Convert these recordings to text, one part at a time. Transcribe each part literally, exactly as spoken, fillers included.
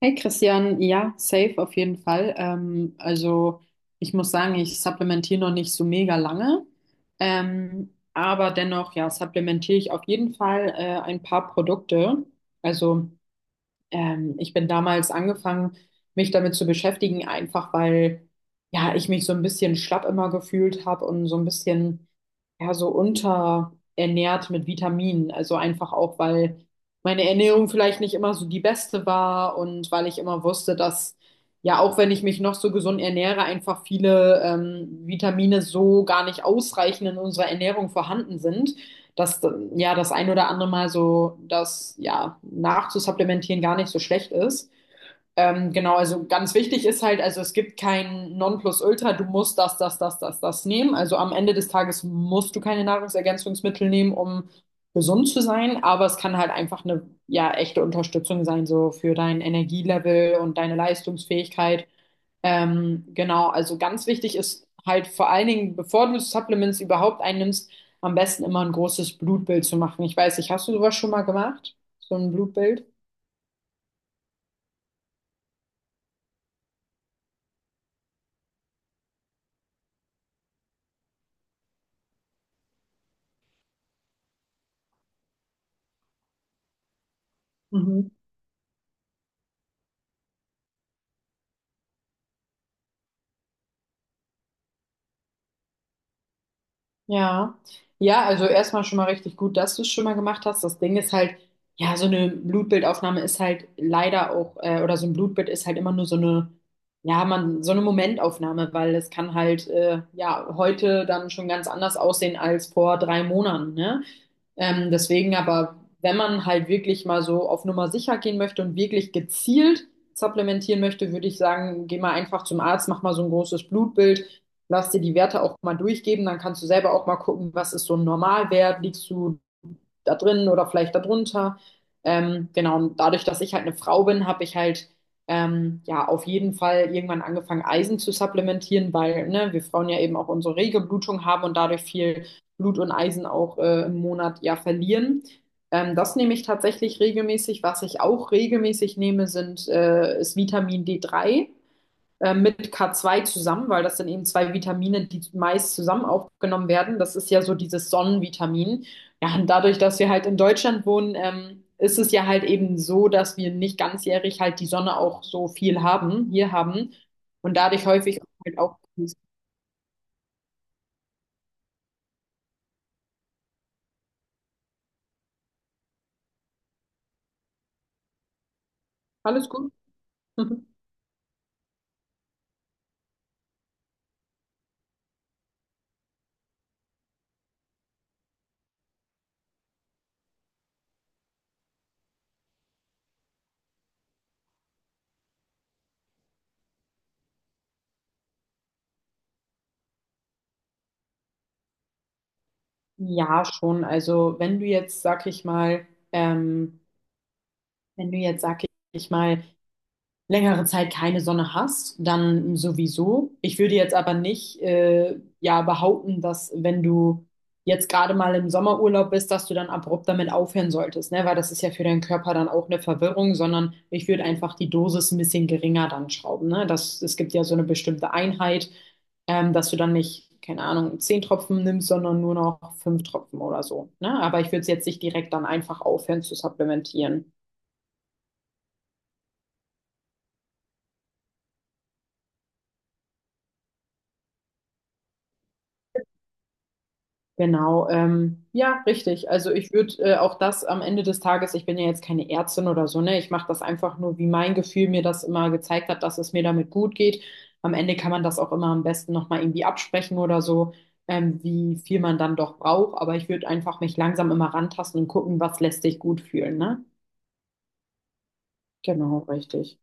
Hey Christian, ja, safe auf jeden Fall. Ähm, also ich muss sagen, ich supplementiere noch nicht so mega lange, ähm, aber dennoch, ja, supplementiere ich auf jeden Fall äh, ein paar Produkte. Also ähm, ich bin damals angefangen, mich damit zu beschäftigen, einfach weil ja, ich mich so ein bisschen schlapp immer gefühlt habe und so ein bisschen ja so unterernährt mit Vitaminen. Also einfach auch, weil meine Ernährung vielleicht nicht immer so die beste war und weil ich immer wusste, dass ja, auch wenn ich mich noch so gesund ernähre, einfach viele ähm, Vitamine so gar nicht ausreichend in unserer Ernährung vorhanden sind, dass ja das ein oder andere Mal so das ja nachzusupplementieren gar nicht so schlecht ist. Ähm, genau, also ganz wichtig ist halt, also es gibt kein Nonplusultra, du musst das, das, das, das, das nehmen. Also am Ende des Tages musst du keine Nahrungsergänzungsmittel nehmen, um gesund zu sein, aber es kann halt einfach eine ja echte Unterstützung sein, so für dein Energielevel und deine Leistungsfähigkeit. Ähm, genau, also ganz wichtig ist halt vor allen Dingen, bevor du Supplements überhaupt einnimmst, am besten immer ein großes Blutbild zu machen. Ich weiß nicht, hast du sowas schon mal gemacht? So ein Blutbild? Mhm. Ja, ja, also erstmal schon mal richtig gut, dass du es schon mal gemacht hast. Das Ding ist halt, ja, so eine Blutbildaufnahme ist halt leider auch, äh, oder so ein Blutbild ist halt immer nur so eine, ja, man, so eine Momentaufnahme, weil es kann halt, äh, ja, heute dann schon ganz anders aussehen als vor drei Monaten, ne? Ähm, deswegen aber, wenn man halt wirklich mal so auf Nummer sicher gehen möchte und wirklich gezielt supplementieren möchte, würde ich sagen, geh mal einfach zum Arzt, mach mal so ein großes Blutbild, lass dir die Werte auch mal durchgeben, dann kannst du selber auch mal gucken, was ist so ein Normalwert, liegst du da drin oder vielleicht darunter. Ähm, genau, und dadurch, dass ich halt eine Frau bin, habe ich halt ähm, ja auf jeden Fall irgendwann angefangen, Eisen zu supplementieren, weil ne, wir Frauen ja eben auch unsere rege Blutung haben und dadurch viel Blut und Eisen auch äh, im Monat ja verlieren. Ähm, das nehme ich tatsächlich regelmäßig. Was ich auch regelmäßig nehme, sind, äh, ist Vitamin D drei äh, mit K zwei zusammen, weil das sind eben zwei Vitamine, die meist zusammen aufgenommen werden. Das ist ja so dieses Sonnenvitamin. Ja, und dadurch, dass wir halt in Deutschland wohnen, ähm, ist es ja halt eben so, dass wir nicht ganzjährig halt die Sonne auch so viel haben, hier haben. Und dadurch häufig halt auch. Alles gut? Ja, schon. Also wenn du jetzt, sag ich mal, ähm, wenn du jetzt, sag ich mal, längere Zeit keine Sonne hast, dann sowieso. Ich würde jetzt aber nicht äh, ja behaupten, dass wenn du jetzt gerade mal im Sommerurlaub bist, dass du dann abrupt damit aufhören solltest, ne? Weil das ist ja für deinen Körper dann auch eine Verwirrung, sondern ich würde einfach die Dosis ein bisschen geringer dann schrauben, ne? Das, es gibt ja so eine bestimmte Einheit, ähm, dass du dann nicht, keine Ahnung, zehn Tropfen nimmst, sondern nur noch fünf Tropfen oder so, ne? Aber ich würde es jetzt nicht direkt dann einfach aufhören zu supplementieren. Genau, ähm, ja, richtig. Also ich würde äh, auch das am Ende des Tages, ich bin ja jetzt keine Ärztin oder so, ne? Ich mache das einfach nur, wie mein Gefühl mir das immer gezeigt hat, dass es mir damit gut geht. Am Ende kann man das auch immer am besten nochmal irgendwie absprechen oder so, ähm, wie viel man dann doch braucht. Aber ich würde einfach mich langsam immer rantasten und gucken, was lässt sich gut fühlen, ne? Genau, richtig.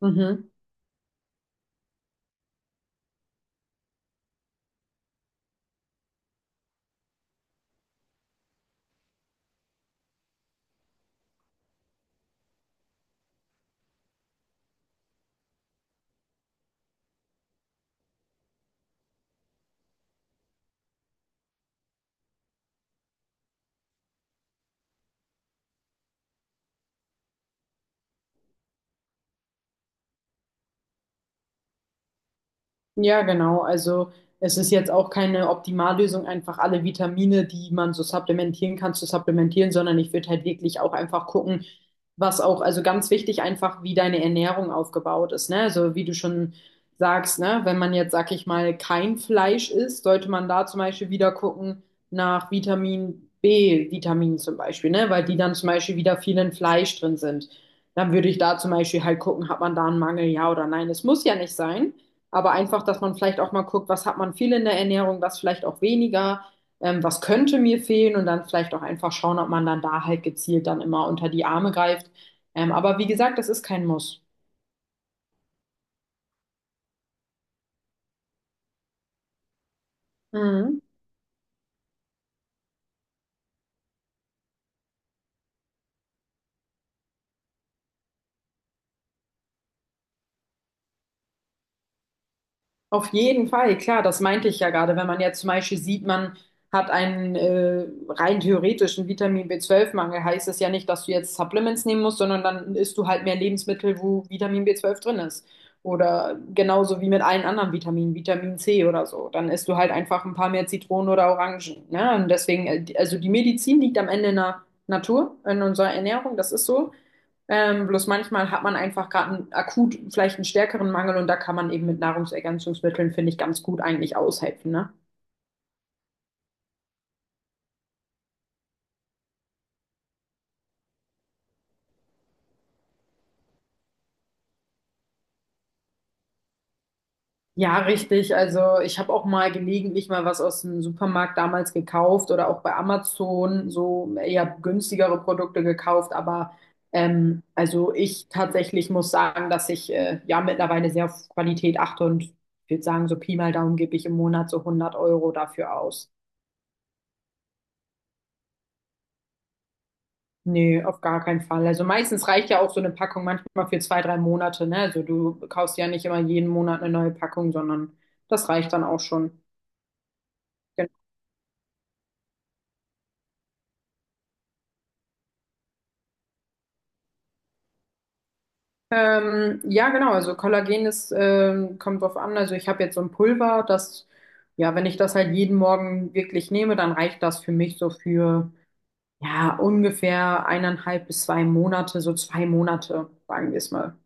Mhm. Ja, genau. Also es ist jetzt auch keine Optimallösung, einfach alle Vitamine, die man so supplementieren kann, zu supplementieren, sondern ich würde halt wirklich auch einfach gucken, was auch, also ganz wichtig einfach, wie deine Ernährung aufgebaut ist, ne? Also wie du schon sagst, ne? Wenn man jetzt, sag ich mal, kein Fleisch isst, sollte man da zum Beispiel wieder gucken nach Vitamin B, Vitaminen zum Beispiel, ne? Weil die dann zum Beispiel wieder viel in Fleisch drin sind. Dann würde ich da zum Beispiel halt gucken, hat man da einen Mangel, ja oder nein. Es muss ja nicht sein. Aber einfach, dass man vielleicht auch mal guckt, was hat man viel in der Ernährung, was vielleicht auch weniger, ähm, was könnte mir fehlen und dann vielleicht auch einfach schauen, ob man dann da halt gezielt dann immer unter die Arme greift. Ähm, aber wie gesagt, das ist kein Muss. Mhm. Auf jeden Fall, klar, das meinte ich ja gerade. Wenn man jetzt zum Beispiel sieht, man hat einen äh, rein theoretischen Vitamin B zwölf Mangel, heißt es ja nicht, dass du jetzt Supplements nehmen musst, sondern dann isst du halt mehr Lebensmittel, wo Vitamin B zwölf drin ist. Oder genauso wie mit allen anderen Vitaminen, Vitamin C oder so. Dann isst du halt einfach ein paar mehr Zitronen oder Orangen. Ne? Und deswegen, äh, die- also die Medizin liegt am Ende in der Natur, in unserer Ernährung, das ist so. Ähm, bloß manchmal hat man einfach gerade akut vielleicht einen stärkeren Mangel und da kann man eben mit Nahrungsergänzungsmitteln, finde ich, ganz gut eigentlich aushelfen, ne? Ja, richtig. Also ich habe auch mal gelegentlich mal was aus dem Supermarkt damals gekauft oder auch bei Amazon so eher günstigere Produkte gekauft. Aber ähm, also ich tatsächlich muss sagen, dass ich äh, ja mittlerweile sehr auf Qualität achte und ich würde sagen, so Pi mal Daumen gebe ich im Monat so hundert Euro dafür aus. Nee, auf gar keinen Fall. Also meistens reicht ja auch so eine Packung manchmal für zwei, drei Monate, ne? Also du kaufst ja nicht immer jeden Monat eine neue Packung, sondern das reicht dann auch schon. Genau. Ähm, ja, genau. Also Kollagen ist, ähm, kommt drauf an. Also ich habe jetzt so ein Pulver, das, ja, wenn ich das halt jeden Morgen wirklich nehme, dann reicht das für mich so für, ja, ungefähr eineinhalb bis zwei Monate, so zwei Monate, sagen wir es mal.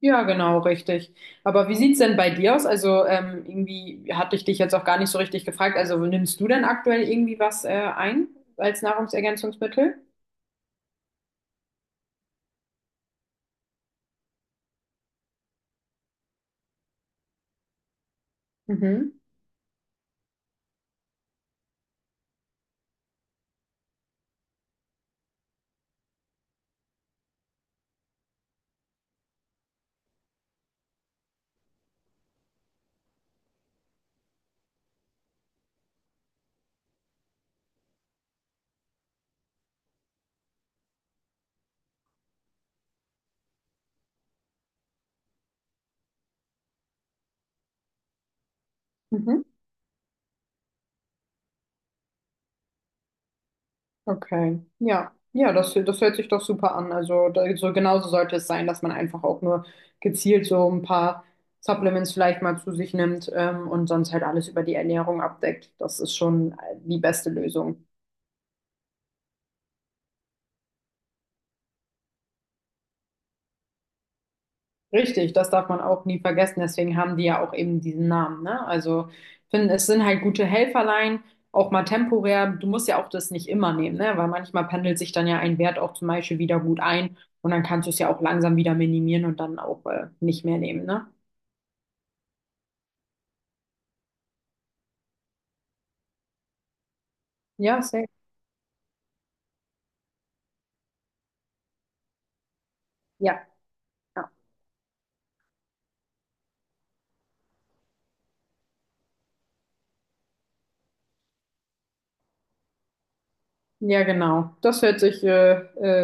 Ja, genau, richtig. Aber wie sieht's denn bei dir aus? Also ähm, irgendwie hatte ich dich jetzt auch gar nicht so richtig gefragt. Also nimmst du denn aktuell irgendwie was äh, ein als Nahrungsergänzungsmittel? Mhm. Mhm. Okay. Ja. Ja, das, das hört sich doch super an. Also da, so genauso sollte es sein, dass man einfach auch nur gezielt so ein paar Supplements vielleicht mal zu sich nimmt, ähm, und sonst halt alles über die Ernährung abdeckt. Das ist schon äh, die beste Lösung. Richtig, das darf man auch nie vergessen. Deswegen haben die ja auch eben diesen Namen, ne? Also, ich finde, es sind halt gute Helferlein, auch mal temporär. Du musst ja auch das nicht immer nehmen, ne? Weil manchmal pendelt sich dann ja ein Wert auch zum Beispiel wieder gut ein und dann kannst du es ja auch langsam wieder minimieren und dann auch äh, nicht mehr nehmen, ne? Ja, safe. Ja, ja. Ja, genau. Das hört sich äh,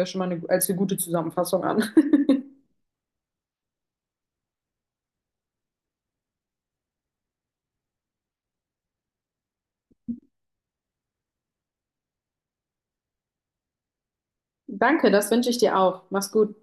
äh, schon mal eine, als eine gute Zusammenfassung an. Danke, das wünsche ich dir auch. Mach's gut.